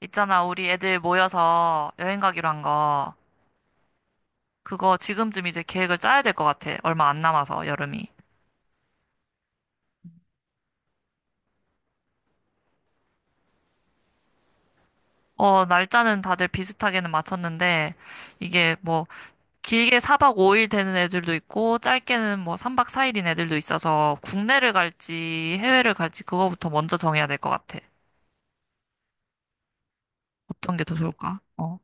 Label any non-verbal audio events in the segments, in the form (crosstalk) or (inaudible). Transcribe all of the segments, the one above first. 있잖아, 우리 애들 모여서 여행 가기로 한 거. 그거 지금쯤 이제 계획을 짜야 될 것 같아. 얼마 안 남아서, 여름이. 어, 날짜는 다들 비슷하게는 맞췄는데, 이게 뭐, 길게 4박 5일 되는 애들도 있고, 짧게는 뭐 3박 4일인 애들도 있어서, 국내를 갈지, 해외를 갈지, 그거부터 먼저 정해야 될 것 같아. 어떤 게 더 좋을까? 어.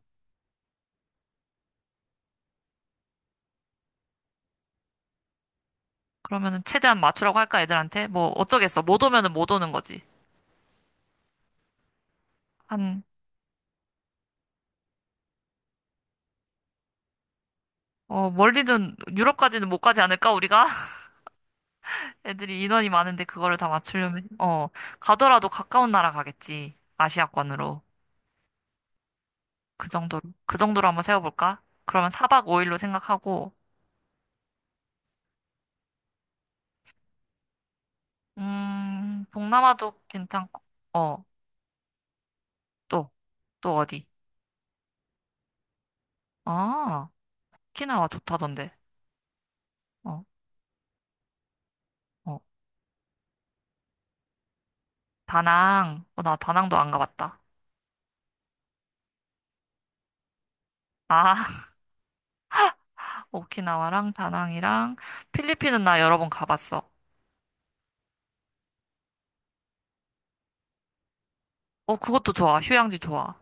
그러면은 최대한 맞추라고 할까, 애들한테? 뭐, 어쩌겠어. 못 오면은 못 오는 거지. 한, 어, 멀리는, 유럽까지는 못 가지 않을까, 우리가? 애들이 인원이 많은데 그거를 다 맞추려면, 어, 가더라도 가까운 나라 가겠지. 아시아권으로. 그 정도로. 그 정도로 한번 세워볼까? 그러면 4박 5일로 생각하고, 동남아도 괜찮고, 어, 또, 또 어디? 아, 오키나와 좋다던데. 어, 어. 다낭. 어, 나 다낭도 안 가봤다. 아, (laughs) 오키나와랑 다낭이랑 필리핀은 나 여러 번 가봤어. 어, 그것도 좋아. 휴양지 좋아.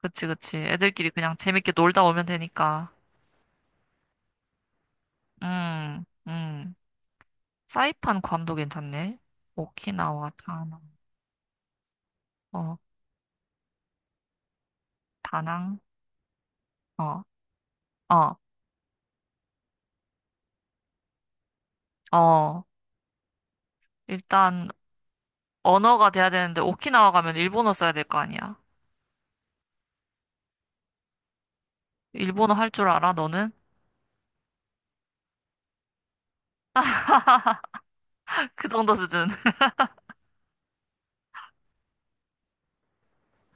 그치, 그치. 애들끼리 그냥 재밌게 놀다 오면 되니까. 음, 음. 사이판 괌도 괜찮네. 오키나와, 다낭, 어, 다낭, 어, 어, 어. 일단, 언어가 돼야 되는데, 오키나와 가면 일본어 써야 될 거 아니야. 일본어 할 줄 알아, 너는? (laughs) 그 정도 수준.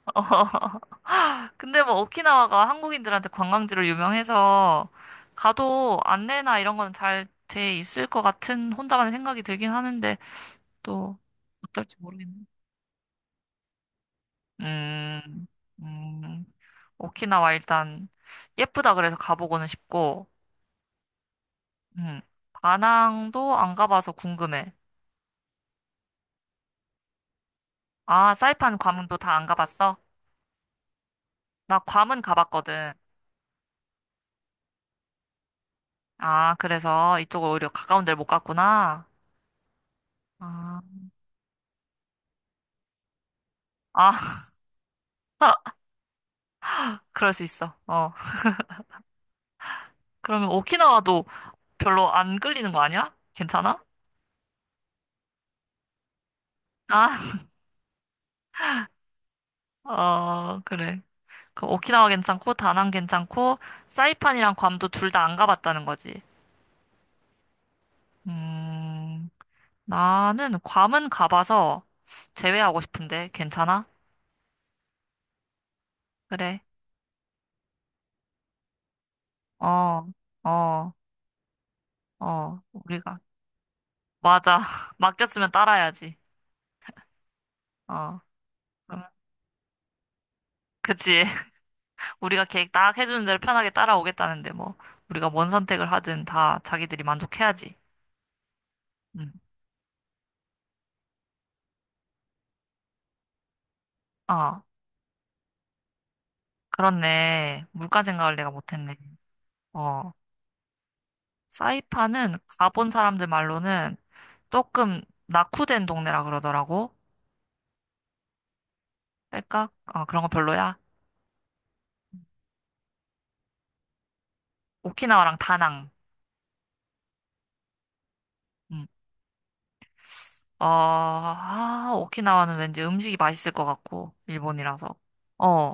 (laughs) 어. 근데 뭐, 오키나와가 한국인들한테 관광지로 유명해서, 가도 안내나 이런 거는 잘 돼 있을 것 같은 혼자만의 생각이 들긴 하는데, 또, 어떨지 모르겠네. 음, 음. 오키나와 일단 예쁘다 그래서 가보고는 싶고, 음. 다낭도 안 가봐서 궁금해. 아, 사이판 괌도 다 안 가봤어? 나 괌은 가봤거든. 아, 그래서 이쪽을 오히려 가까운 데를 못 갔구나. 아, 아, (laughs) 그럴 수 있어. 어. 그러면 오키나와도 별로 안 끌리는 거 아니야? 괜찮아? 아, (laughs) 어, 그래. 그럼 오키나와 괜찮고, 다낭 괜찮고, 사이판이랑 괌도 둘 다 안 가봤다는 거지. 음, 나는 괌은 가봐서 제외하고 싶은데 괜찮아? 그래. 어, 어, 어. 우리가 맞아. (laughs) 맡겼으면 따라야지. 어. 그러면 그치. (laughs) 우리가 계획 딱 해주는 대로 편하게 따라오겠다는데 뭐 우리가 뭔 선택을 하든 다 자기들이 만족해야지. 음. 아, 그렇네. 물가 생각을 내가 못했네. 어. 사이판은 가본 사람들 말로는 조금 낙후된 동네라 그러더라고. 할까어 그런 거 별로야. 오키나와랑 다낭. 음. 아, 아, 오키나와는 왠지 음식이 맛있을 것 같고, 일본이라서. 어,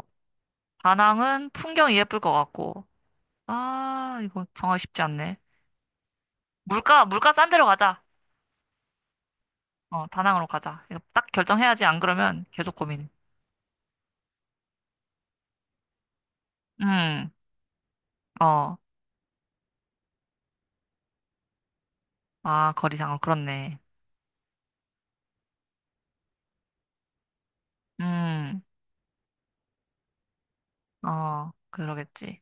다낭은 풍경이 예쁠 것 같고. 아, 이거 정하기 쉽지 않네. 물가 싼 데로 가자. 어, 다낭으로 가자. 이거 딱 결정해야지. 안 그러면 계속 고민. 음, 어, 아, 거리상으로 그렇네. 음, 어, 그러겠지.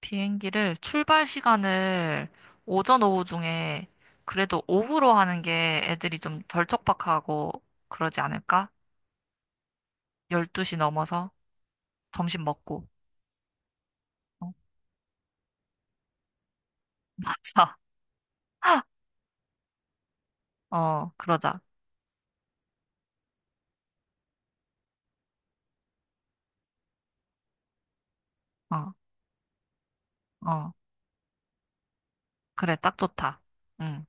비행기를 출발 시간을 오전, 오후 중에 그래도 오후로 하는 게 애들이 좀 덜 촉박하고 그러지 않을까? 12시 넘어서 점심 먹고. 어, (laughs) 맞 어, 그러자. 어, 어. 그래, 딱 좋다. 응.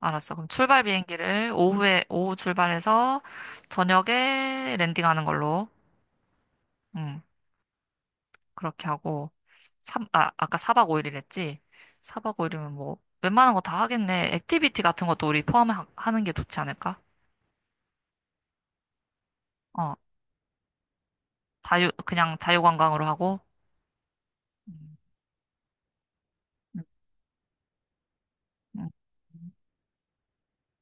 알았어. 그럼 출발 비행기를 오후에, 오후 출발해서 저녁에 랜딩하는 걸로. 응. 그렇게 하고. 아까 사박오일이랬지 사박오일이면 뭐, 웬만한 거 다 하겠네. 액티비티 같은 것도 우리 포함하는 게 좋지 않을까? 어. 자유, 그냥 자유관광으로 하고. 음, 음, 음.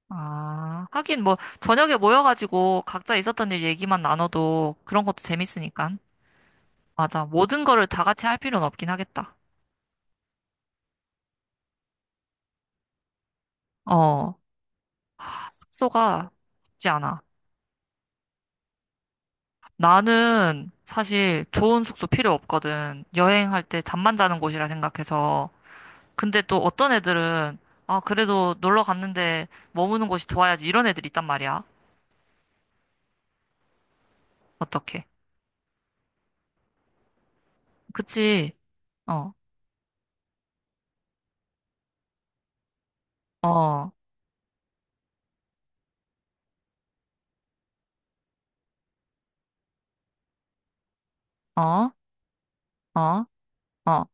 아, 하긴 뭐 저녁에 모여가지고 각자 있었던 일 얘기만 나눠도 그런 것도 재밌으니까. 맞아. 모든 거를 다 같이 할 필요는 없긴 하겠다. 어, 숙소가 쉽지 않아. 나는 사실 좋은 숙소 필요 없거든. 여행할 때 잠만 자는 곳이라 생각해서. 근데 또 어떤 애들은 아, 그래도 놀러 갔는데 머무는 곳이 좋아야지 이런 애들 있단 말이야. 어떻게? 그치? 어, 어, 어, 어, 어,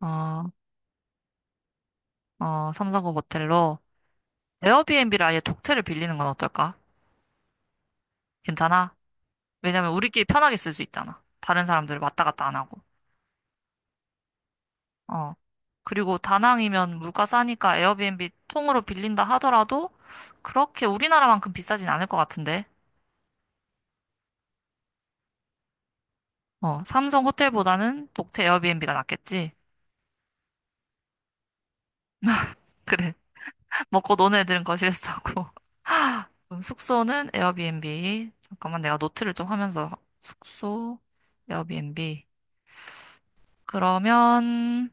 어. 어, 삼성구 모텔로 에어비앤비를 아예 독채를 빌리는 건 어떨까? 괜찮아? 왜냐면 우리끼리 편하게 쓸 수 있잖아. 다른 사람들 왔다 갔다 안 하고. 어. 그리고 다낭이면 물가 싸니까 에어비앤비 통으로 빌린다 하더라도 그렇게 우리나라만큼 비싸진 않을 것 같은데. 어, 삼성 호텔보다는 독채 에어비앤비가 낫겠지? (laughs) 그래. 먹고 노는 애들은 거실에서 자고. (laughs) 그럼 숙소는 에어비앤비. 잠깐만 내가 노트를 좀 하면서 숙소, 에어비앤비. 그러면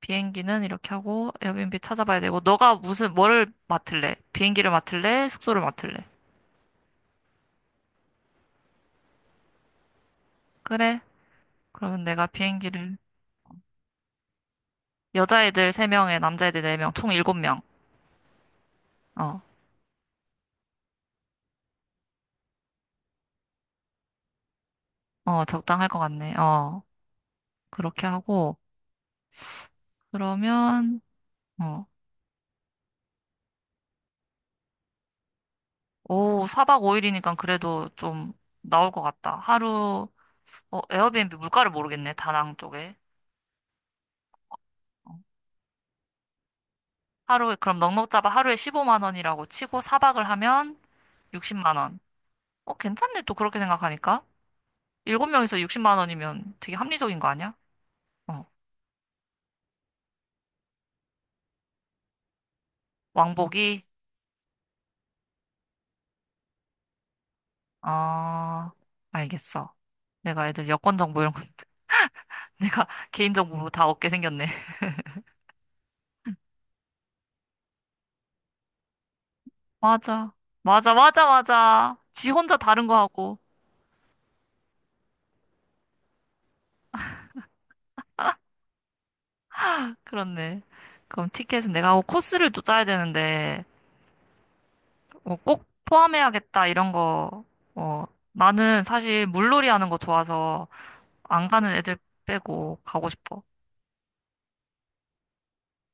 비행기는 이렇게 하고 에어비앤비 찾아봐야 되고 너가 무슨 뭐를 맡을래? 비행기를 맡을래? 숙소를 맡을래? 그래. 그러면 내가 비행기를 여자애들 3명에 남자애들 4명 총 7명. 어. 어, 적당할 것 같네. 어. 그렇게 하고 그러면 어. 오사 4박 5일이니까 그래도 좀 나올 것 같다. 하루 어, 에어비앤비 물가를 모르겠네. 다낭 쪽에. 어. 하루에 그럼 넉넉 잡아 하루에 15만 원이라고 치고 4박을 하면 60만 원. 어, 괜찮네, 또 그렇게 생각하니까. 일곱 명이서 60만 원이면 되게 합리적인 거 아니야? 어. 왕복이? 아, 알겠어. 내가 애들 여권 정보 이런 거 (laughs) 내가 개인 정보 다 얻게 생겼네. (laughs) 맞아. 맞아, 맞아, 맞아. 지 혼자 다른 거 하고. 그렇네. 그럼 티켓은 내가 하고 코스를 또 짜야 되는데, 어, 꼭 포함해야겠다, 이런 거. 어, 나는 사실 물놀이 하는 거 좋아서 안 가는 애들 빼고 가고 싶어.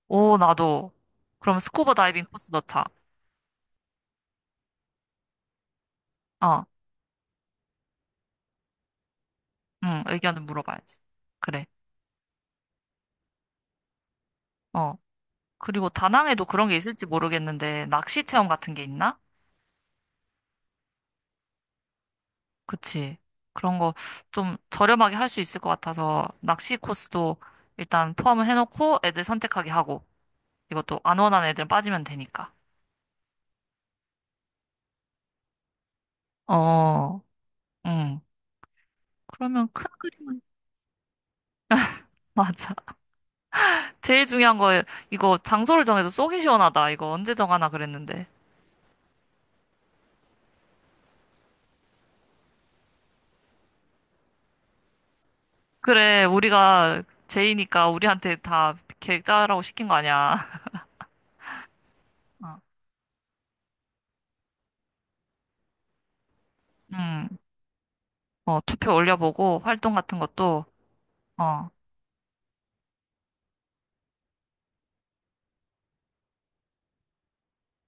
오, 나도. 그럼 스쿠버 다이빙 코스 넣자. 어. 응, 의견을 물어봐야지. 그래. 어. 그리고 다낭에도 그런 게 있을지 모르겠는데, 낚시 체험 같은 게 있나? 그치. 그런 거 좀 저렴하게 할 수 있을 것 같아서, 낚시 코스도 일단 포함을 해놓고 애들 선택하게 하고, 이것도 안 원하는 애들은 빠지면 되니까. 어, 응. 그러면 큰 그림은, (laughs) 맞아. 제일 중요한 거, 이거 장소를 정해도 속이 시원하다. 이거 언제 정하나 그랬는데. 그래, 우리가 제이니까 우리한테 다 계획 짜라고 시킨 거 아니야. (laughs) 음, 어, 투표 올려보고 활동 같은 것도, 어,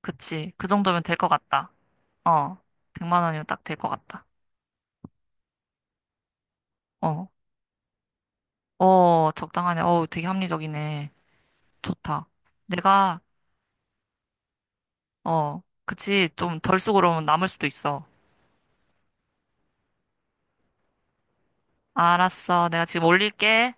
그치. 그 정도면 될 것 같다. 어, 100만 원이면 딱 될 것 같다. 어, 어, 적당하네. 어, 되게 합리적이네. 좋다. 내가, 어, 그치. 좀 덜 쓰고 그러면 남을 수도 있어. 알았어. 내가 지금 올릴게.